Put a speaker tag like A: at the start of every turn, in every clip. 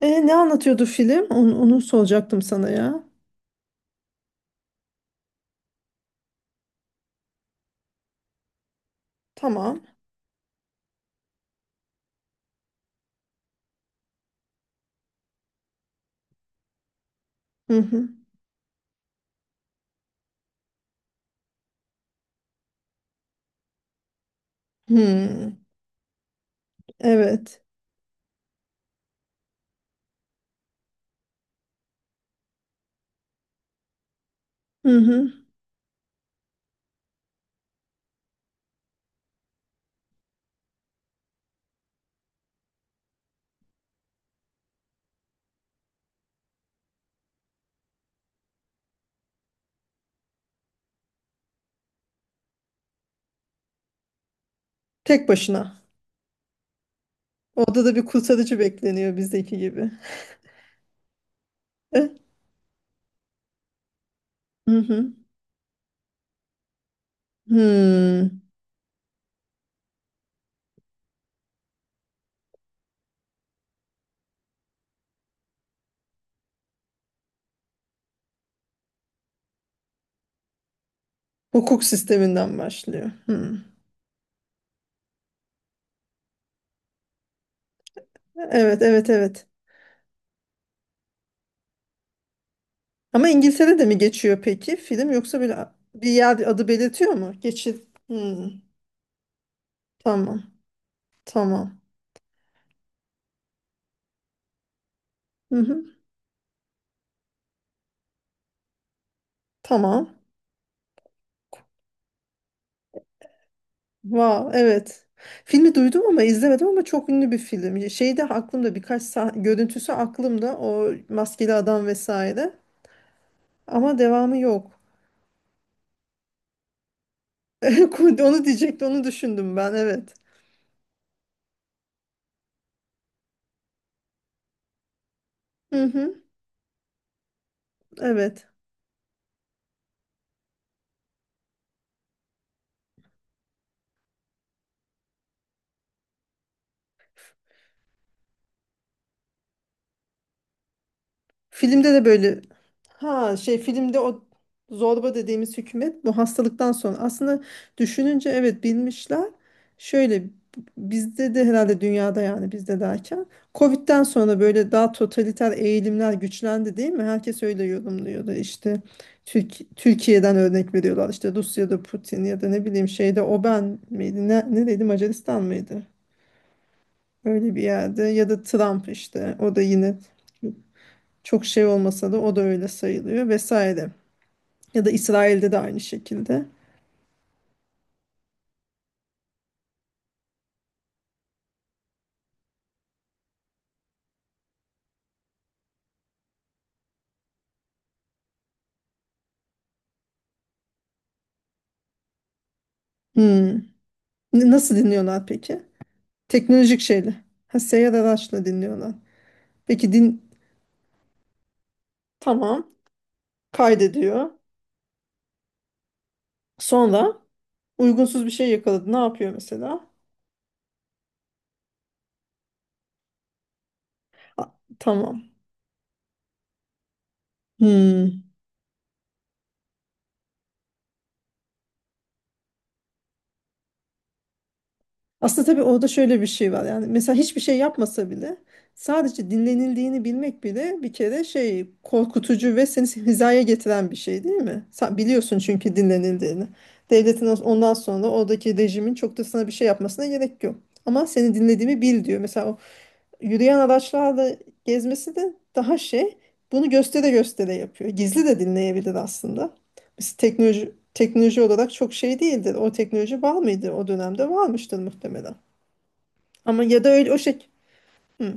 A: Ne anlatıyordu film? Onu soracaktım sana ya. Tamam. Hı hı. Hmm, evet. Hı hı. Tek başına. Orada da bir kurtarıcı bekleniyor bizdeki gibi. Hı hı. Hmm. Hukuk sisteminden başlıyor. Hmm. Evet, evet, evet. Ama İngiltere'de mi geçiyor peki film, yoksa böyle bir yer adı belirtiyor mu? Geçit. Hmm. Tamam. Tamam. Hı hı. Tamam. Wow, evet. Filmi duydum ama izlemedim, ama çok ünlü bir film. Şeyde aklımda birkaç görüntüsü aklımda, o maskeli adam vesaire. Ama devamı yok. Onu diyecekti, onu düşündüm ben. Evet. Hı hı. Evet. Filmde de böyle, ha şey, filmde o zorba dediğimiz hükümet bu hastalıktan sonra aslında, düşününce evet, bilmişler. Şöyle, bizde de herhalde, dünyada yani, bizde derken Covid'den sonra böyle daha totaliter eğilimler güçlendi değil mi? Herkes öyle yorumluyordu işte, Türkiye'den örnek veriyorlar işte, Rusya'da Putin ya da ne bileyim, şeyde Oban miydi ne, nereydi, Macaristan mıydı? Öyle bir yerde, ya da Trump işte, o da yine çok şey olmasa da o da öyle sayılıyor vesaire. Ya da İsrail'de de aynı şekilde. Hmm. Nasıl dinliyorlar peki? Teknolojik şeyle. Ha, seyyar araçla dinliyorlar. Peki din, tamam, kaydediyor. Sonra uygunsuz bir şey yakaladı, ne yapıyor mesela? A- Tamam. Hmm. Aslında tabii orada şöyle bir şey var yani, mesela hiçbir şey yapmasa bile sadece dinlenildiğini bilmek bile bir kere şey, korkutucu ve seni hizaya getiren bir şey değil mi? Sen biliyorsun çünkü dinlenildiğini. Devletin ondan sonra oradaki rejimin çok da sana bir şey yapmasına gerek yok. Ama seni dinlediğimi bil diyor. Mesela o yürüyen araçlarla gezmesi de daha şey, bunu göstere göstere yapıyor. Gizli de dinleyebilir aslında. Biz teknoloji olarak çok şey değildir. O teknoloji var mıydı o dönemde? Varmıştır muhtemelen. Ama ya da öyle o şey. Hı,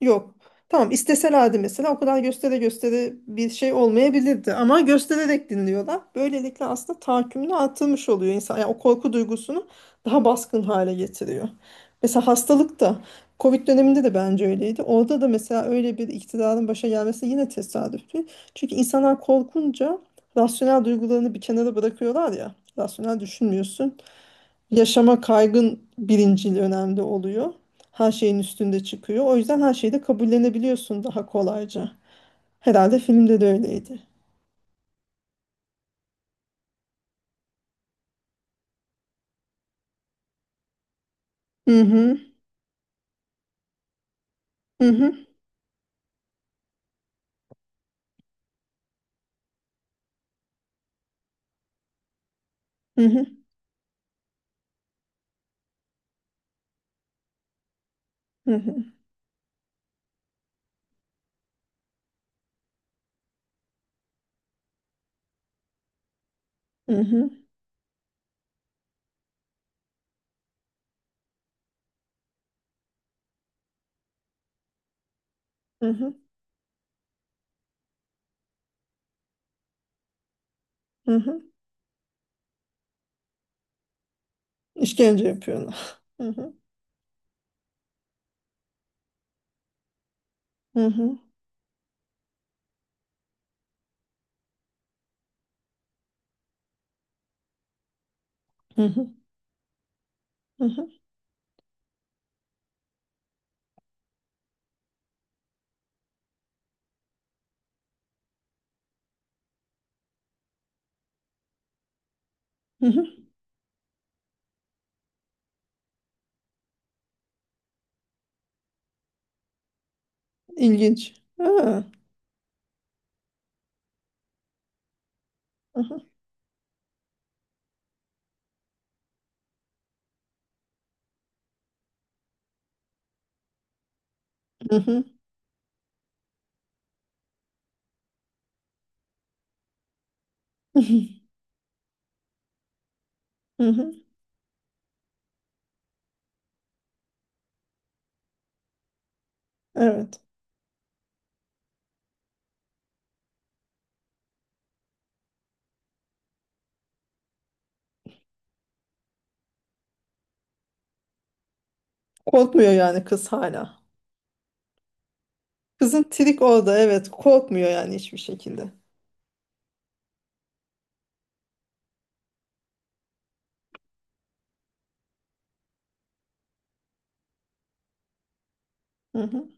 A: yok. Tamam, isteselerdi mesela o kadar göstere göstere bir şey olmayabilirdi. Ama göstererek dinliyorlar. Böylelikle aslında tahakkümünü artırmış oluyor insan. Yani o korku duygusunu daha baskın hale getiriyor. Mesela hastalık da, Covid döneminde de bence öyleydi. Orada da mesela öyle bir iktidarın başa gelmesi yine tesadüf değil. Çünkü insanlar korkunca rasyonel duygularını bir kenara bırakıyorlar ya. Rasyonel düşünmüyorsun, yaşama kaygın birincil önemli oluyor. Her şeyin üstünde çıkıyor. O yüzden her şeyi de kabullenebiliyorsun daha kolayca. Herhalde filmde de öyleydi. Hı hı. Hı hı. Hı hı. Hı hı. Hı hı. Hı hı. Hı hı. İşkence yapıyorlar. Hı hı. Hı hı. Hı hı. Hı hı. Hı hı. İlginç. Ha. Hı hı. Hı hı. Hı hı. Hı hı. Evet. Korkmuyor yani kız hala. Kızın trik orada, evet korkmuyor yani hiçbir şekilde. Hı hı.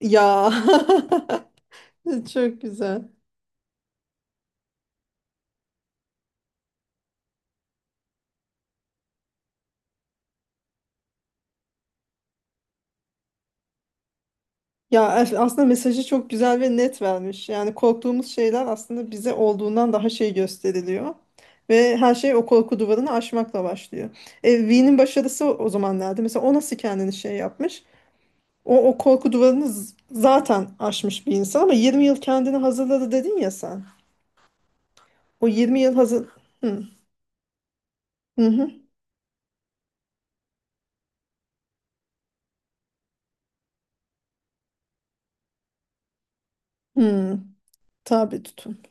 A: Ya çok güzel. Ya aslında mesajı çok güzel ve net vermiş. Yani korktuğumuz şeyler aslında bize olduğundan daha şey gösteriliyor. Ve her şey o korku duvarını aşmakla başlıyor. E, V'nin başarısı o zaman nerede? Mesela o nasıl kendini şey yapmış? O, o korku duvarını zaten aşmış bir insan, ama 20 yıl kendini hazırladı dedin ya sen. O 20 yıl hazır... Hı hı. Hı. Hı. Tabi tutun.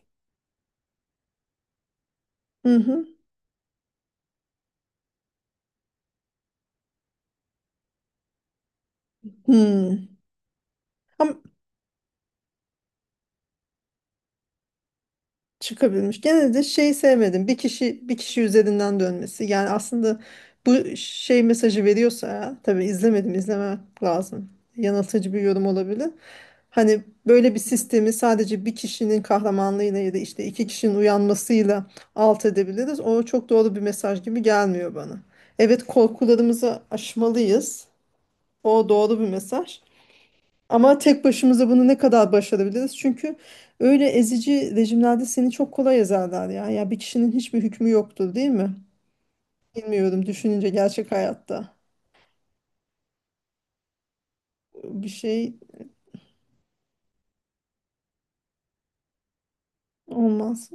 A: Hı hı. Hı. Ama. Çıkabilmiş. Gene de şeyi sevmedim. Bir kişi, bir kişi üzerinden dönmesi. Yani aslında bu şey mesajı veriyorsa ya, tabii izlemedim, izleme lazım. Yanıltıcı bir yorum olabilir. Hani böyle bir sistemi sadece bir kişinin kahramanlığıyla ya da işte iki kişinin uyanmasıyla alt edebiliriz. O çok doğru bir mesaj gibi gelmiyor bana. Evet, korkularımızı aşmalıyız. O doğru bir mesaj. Ama tek başımıza bunu ne kadar başarabiliriz? Çünkü öyle ezici rejimlerde seni çok kolay ezerler ya. Ya bir kişinin hiçbir hükmü yoktur değil mi? Bilmiyorum, düşününce gerçek hayatta bir şey olmaz.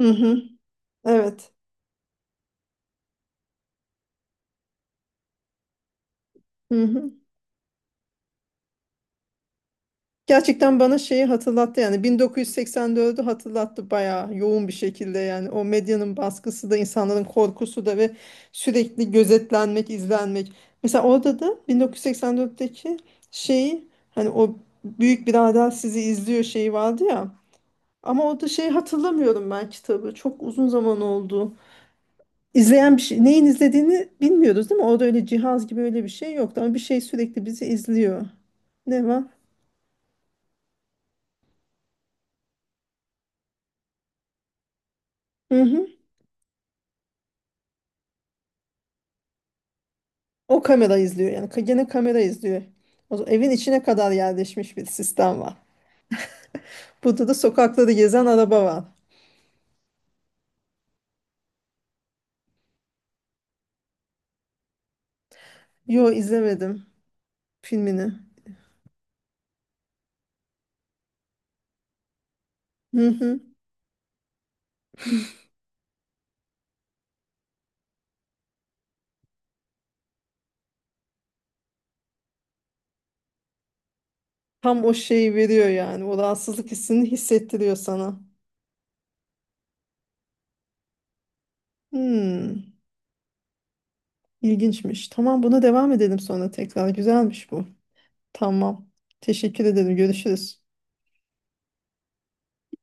A: Hı hı. Evet. Hı hı. Gerçekten bana şeyi hatırlattı, yani 1984'ü hatırlattı bayağı yoğun bir şekilde, yani o medyanın baskısı da, insanların korkusu da ve sürekli gözetlenmek, izlenmek. Mesela orada da 1984'teki şeyi, hani o büyük birader sizi izliyor şeyi vardı ya, ama orada şeyi hatırlamıyorum, ben kitabı çok uzun zaman oldu. İzleyen bir şey neyin izlediğini bilmiyoruz değil mi? Orada öyle cihaz gibi öyle bir şey yoktu, ama bir şey sürekli bizi izliyor. Ne var? Hı hı. O kamera izliyor yani, gene kamera izliyor. O zaman evin içine kadar yerleşmiş bir sistem var. Burada da sokakları gezen araba var. Yo, izlemedim filmini. Hı hı. Tam o şeyi veriyor yani. O rahatsızlık hissini hissettiriyor sana. Hmm, ilginçmiş. Tamam, buna devam edelim sonra tekrar. Güzelmiş bu. Tamam. Teşekkür ederim. Görüşürüz.